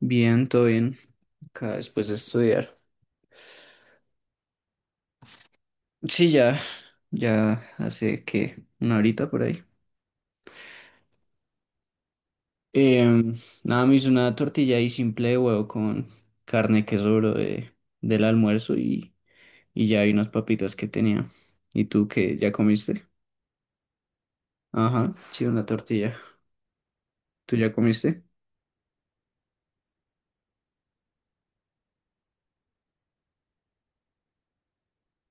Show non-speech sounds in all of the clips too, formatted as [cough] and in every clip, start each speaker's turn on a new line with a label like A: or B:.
A: Bien, todo bien. Acá después de estudiar. Sí, ya, ya hace que una horita por ahí. Em, Nada, me hice una tortilla ahí simple de huevo con carne que sobró del almuerzo y ya hay unas papitas que tenía. ¿Y tú qué? ¿Ya comiste? Ajá, sí, una tortilla. ¿Tú ya comiste?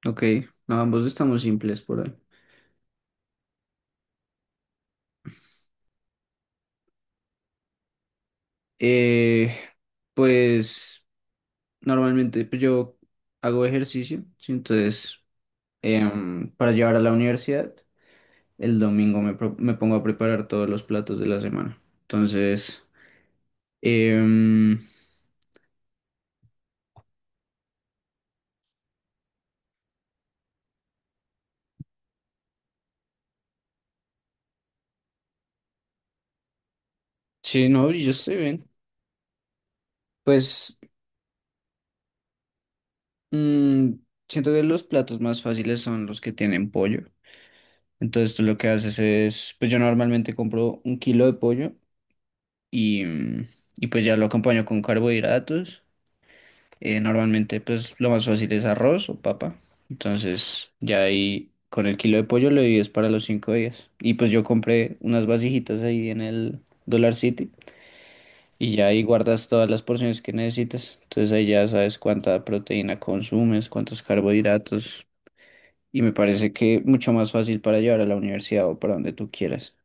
A: Ok, no, ambos estamos simples por ahí. Eh, pues normalmente pues, yo hago ejercicio, sí, entonces para llevar a la universidad. El domingo me pongo a preparar todos los platos de la semana. Entonces, em, sí, no, yo estoy bien. Pues mm, siento que los platos más fáciles son los que tienen pollo. Entonces tú lo que haces es, pues yo normalmente compro un kilo de pollo y, mm, y pues ya lo acompaño con carbohidratos. Normalmente, pues lo más fácil es arroz o papa. Entonces, ya ahí con el kilo de pollo lo divides para los 5 días. Y pues yo compré unas vasijitas ahí en el Dollar City y ya ahí guardas todas las porciones que necesitas. Entonces ahí ya sabes cuánta proteína consumes, cuántos carbohidratos. Y me parece que mucho más fácil para llevar a la universidad o para donde tú quieras.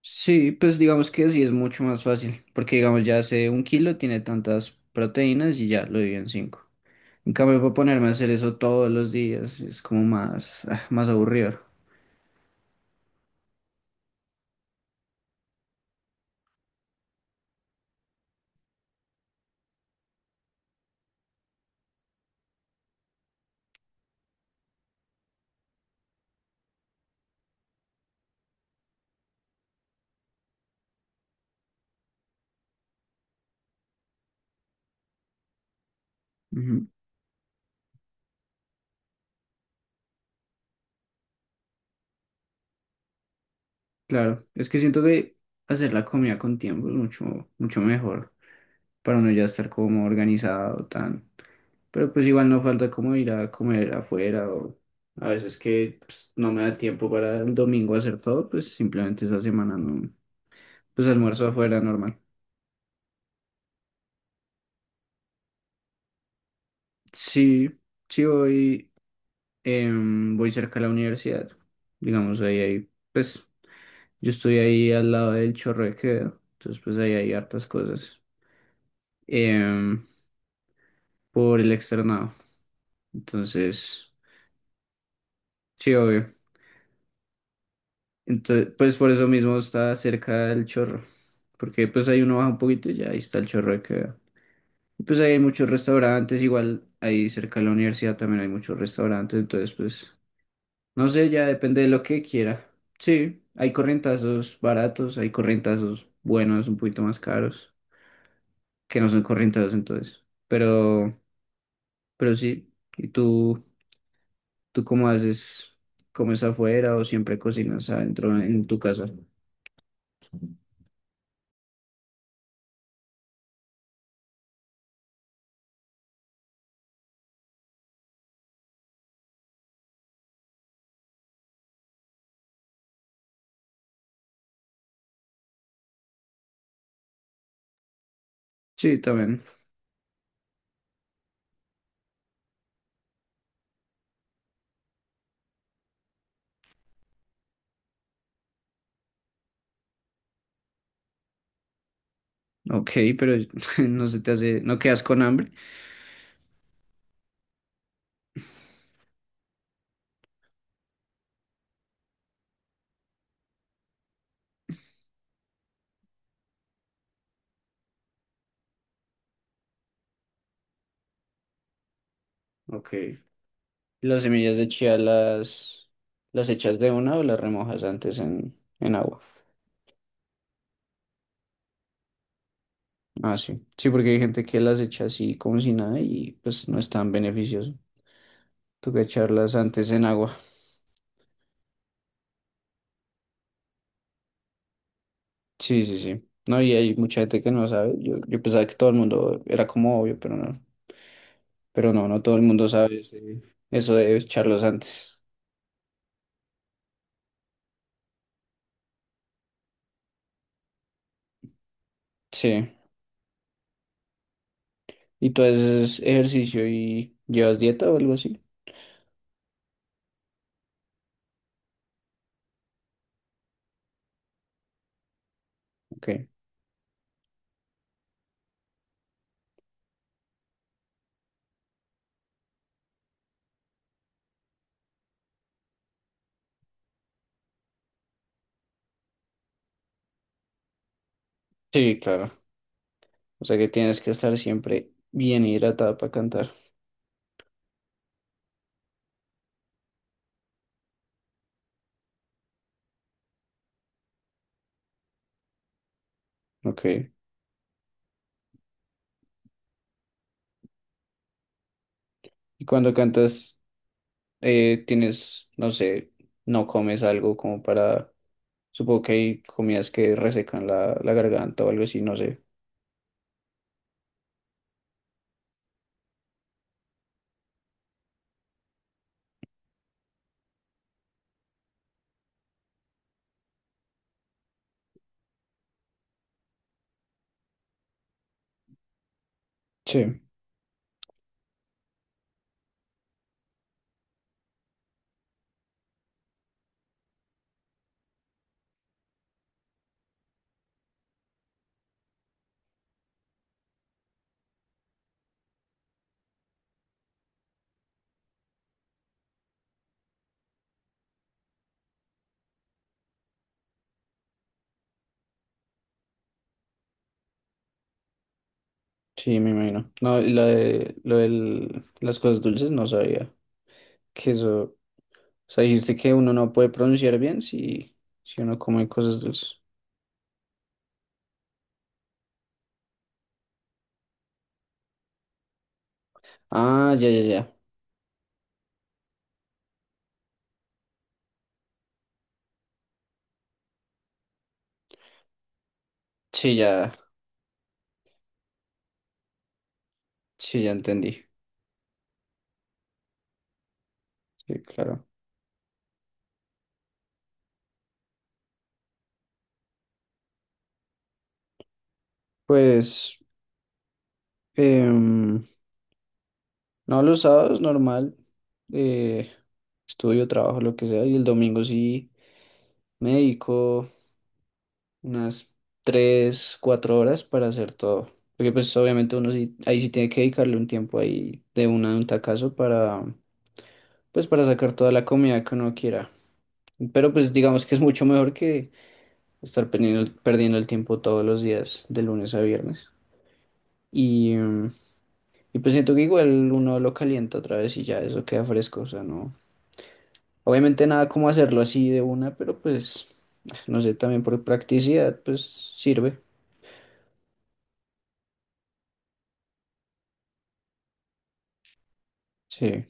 A: Sí, pues digamos que sí es mucho más fácil, porque digamos ya hace un kilo tiene tantas proteínas y ya lo dividen en cinco. En cambio, para ponerme a hacer eso todos los días es como más aburrido. Ujú, claro, es que siento que hacer la comida con tiempo es mucho, mucho mejor para uno ya estar como organizado, tan. Pero pues igual no falta como ir a comer afuera o a veces que pues, no me da tiempo para el domingo hacer todo, pues simplemente esa semana no, pues almuerzo afuera normal. Sí, sí voy, voy cerca a la universidad, digamos pues yo estoy ahí al lado del Chorro de Quevedo, entonces pues ahí hay hartas cosas em, por el Externado, entonces sí, obvio. Entonces, pues por eso mismo está cerca del Chorro, porque pues ahí uno baja un poquito y ya ahí está el Chorro de Quevedo. Y pues ahí hay muchos restaurantes, igual ahí cerca de la universidad también hay muchos restaurantes, entonces pues no sé, ya depende de lo que quiera. Sí, hay corrientazos baratos, hay corrientazos buenos, un poquito más caros, que no son corrientazos entonces. Pero sí, ¿y tú cómo haces? ¿Comes afuera o siempre cocinas adentro en tu casa? Sí, también. Ok, pero [laughs] no se te hace, no quedas con hambre. Ok. ¿Las semillas de chía las echas de una o las remojas antes en agua? Ah, sí. Sí, porque hay gente que las echa así como si nada y pues no es tan beneficioso. Toca echarlas antes en agua. Sí, sí, sí. No, y hay mucha gente que no sabe. Yo pensaba que todo el mundo era como obvio, pero no. Pero no, no todo el mundo sabe eso de echarlos antes. Sí. ¿Y tú haces ejercicio y llevas dieta o algo así? Ok. Sí, claro. O sea que tienes que estar siempre bien hidratado para cantar. Ok. Y cuando cantas, tienes, no sé, no comes algo como para. Supongo que hay comidas que resecan la garganta o algo así, no sé. Sí, sí, me imagino. No, lo del las cosas dulces no sabía que eso. O sea, dijiste que uno no puede pronunciar bien si uno come cosas dulces. Ah, ya, ya, ya. Sí, ya, sí, ya entendí. Sí, claro. Pues, em, no, los sábados normal, eh, estudio, trabajo, lo que sea, y el domingo sí me dedico unas 3, 4 horas para hacer todo. Porque pues obviamente uno sí, ahí sí tiene que dedicarle un tiempo ahí de un tacazo para, pues para sacar toda la comida que uno quiera. Pero pues digamos que es mucho mejor que estar perdiendo, perdiendo el tiempo todos los días, de lunes a viernes. Y, mm, y pues siento que igual uno lo calienta otra vez y ya eso queda fresco. O sea, no. Obviamente nada como hacerlo así de una, pero pues, no sé, también por practicidad, pues sirve. Sí.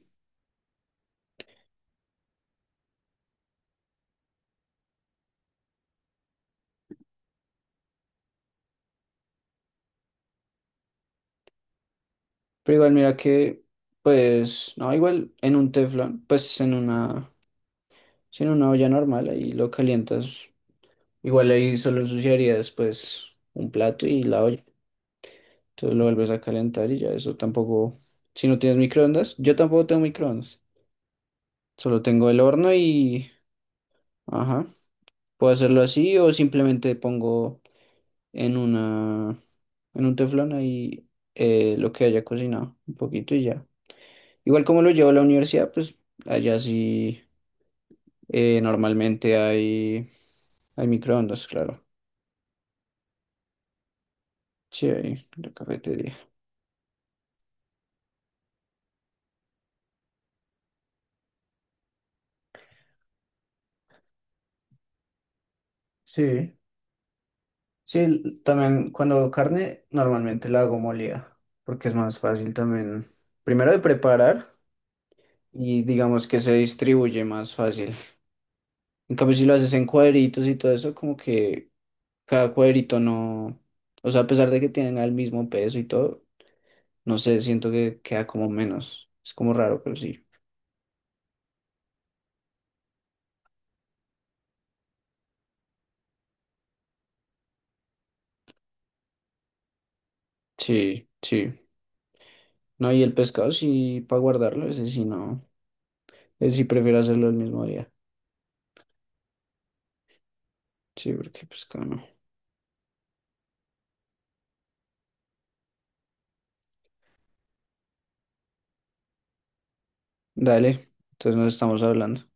A: Pero igual mira que, pues, no, igual en un teflón, pues sí, en una olla normal ahí lo calientas. Igual ahí solo ensuciaría después un plato y la olla. Entonces lo vuelves a calentar y ya eso tampoco. Si no tienes microondas, yo tampoco tengo microondas. Solo tengo el horno y. Ajá. Puedo hacerlo así o simplemente pongo en una. En un teflón ahí lo que haya cocinado. Un poquito y ya. Igual como lo llevo a la universidad, pues allá sí normalmente hay microondas, claro. Sí, hay en la cafetería. Sí. Sí, también cuando hago carne, normalmente la hago molida, porque es más fácil también, primero de preparar y digamos que se distribuye más fácil. En cambio, si lo haces en cuadritos y todo eso, como que cada cuadrito no, o sea, a pesar de que tenga el mismo peso y todo, no sé, siento que queda como menos. Es como raro, pero sí. Sí, sí. No, y el pescado sí, para guardarlo, ese sí no. Ese sí prefiero hacerlo el mismo día. Sí, porque pescado no. Dale, entonces nos estamos hablando.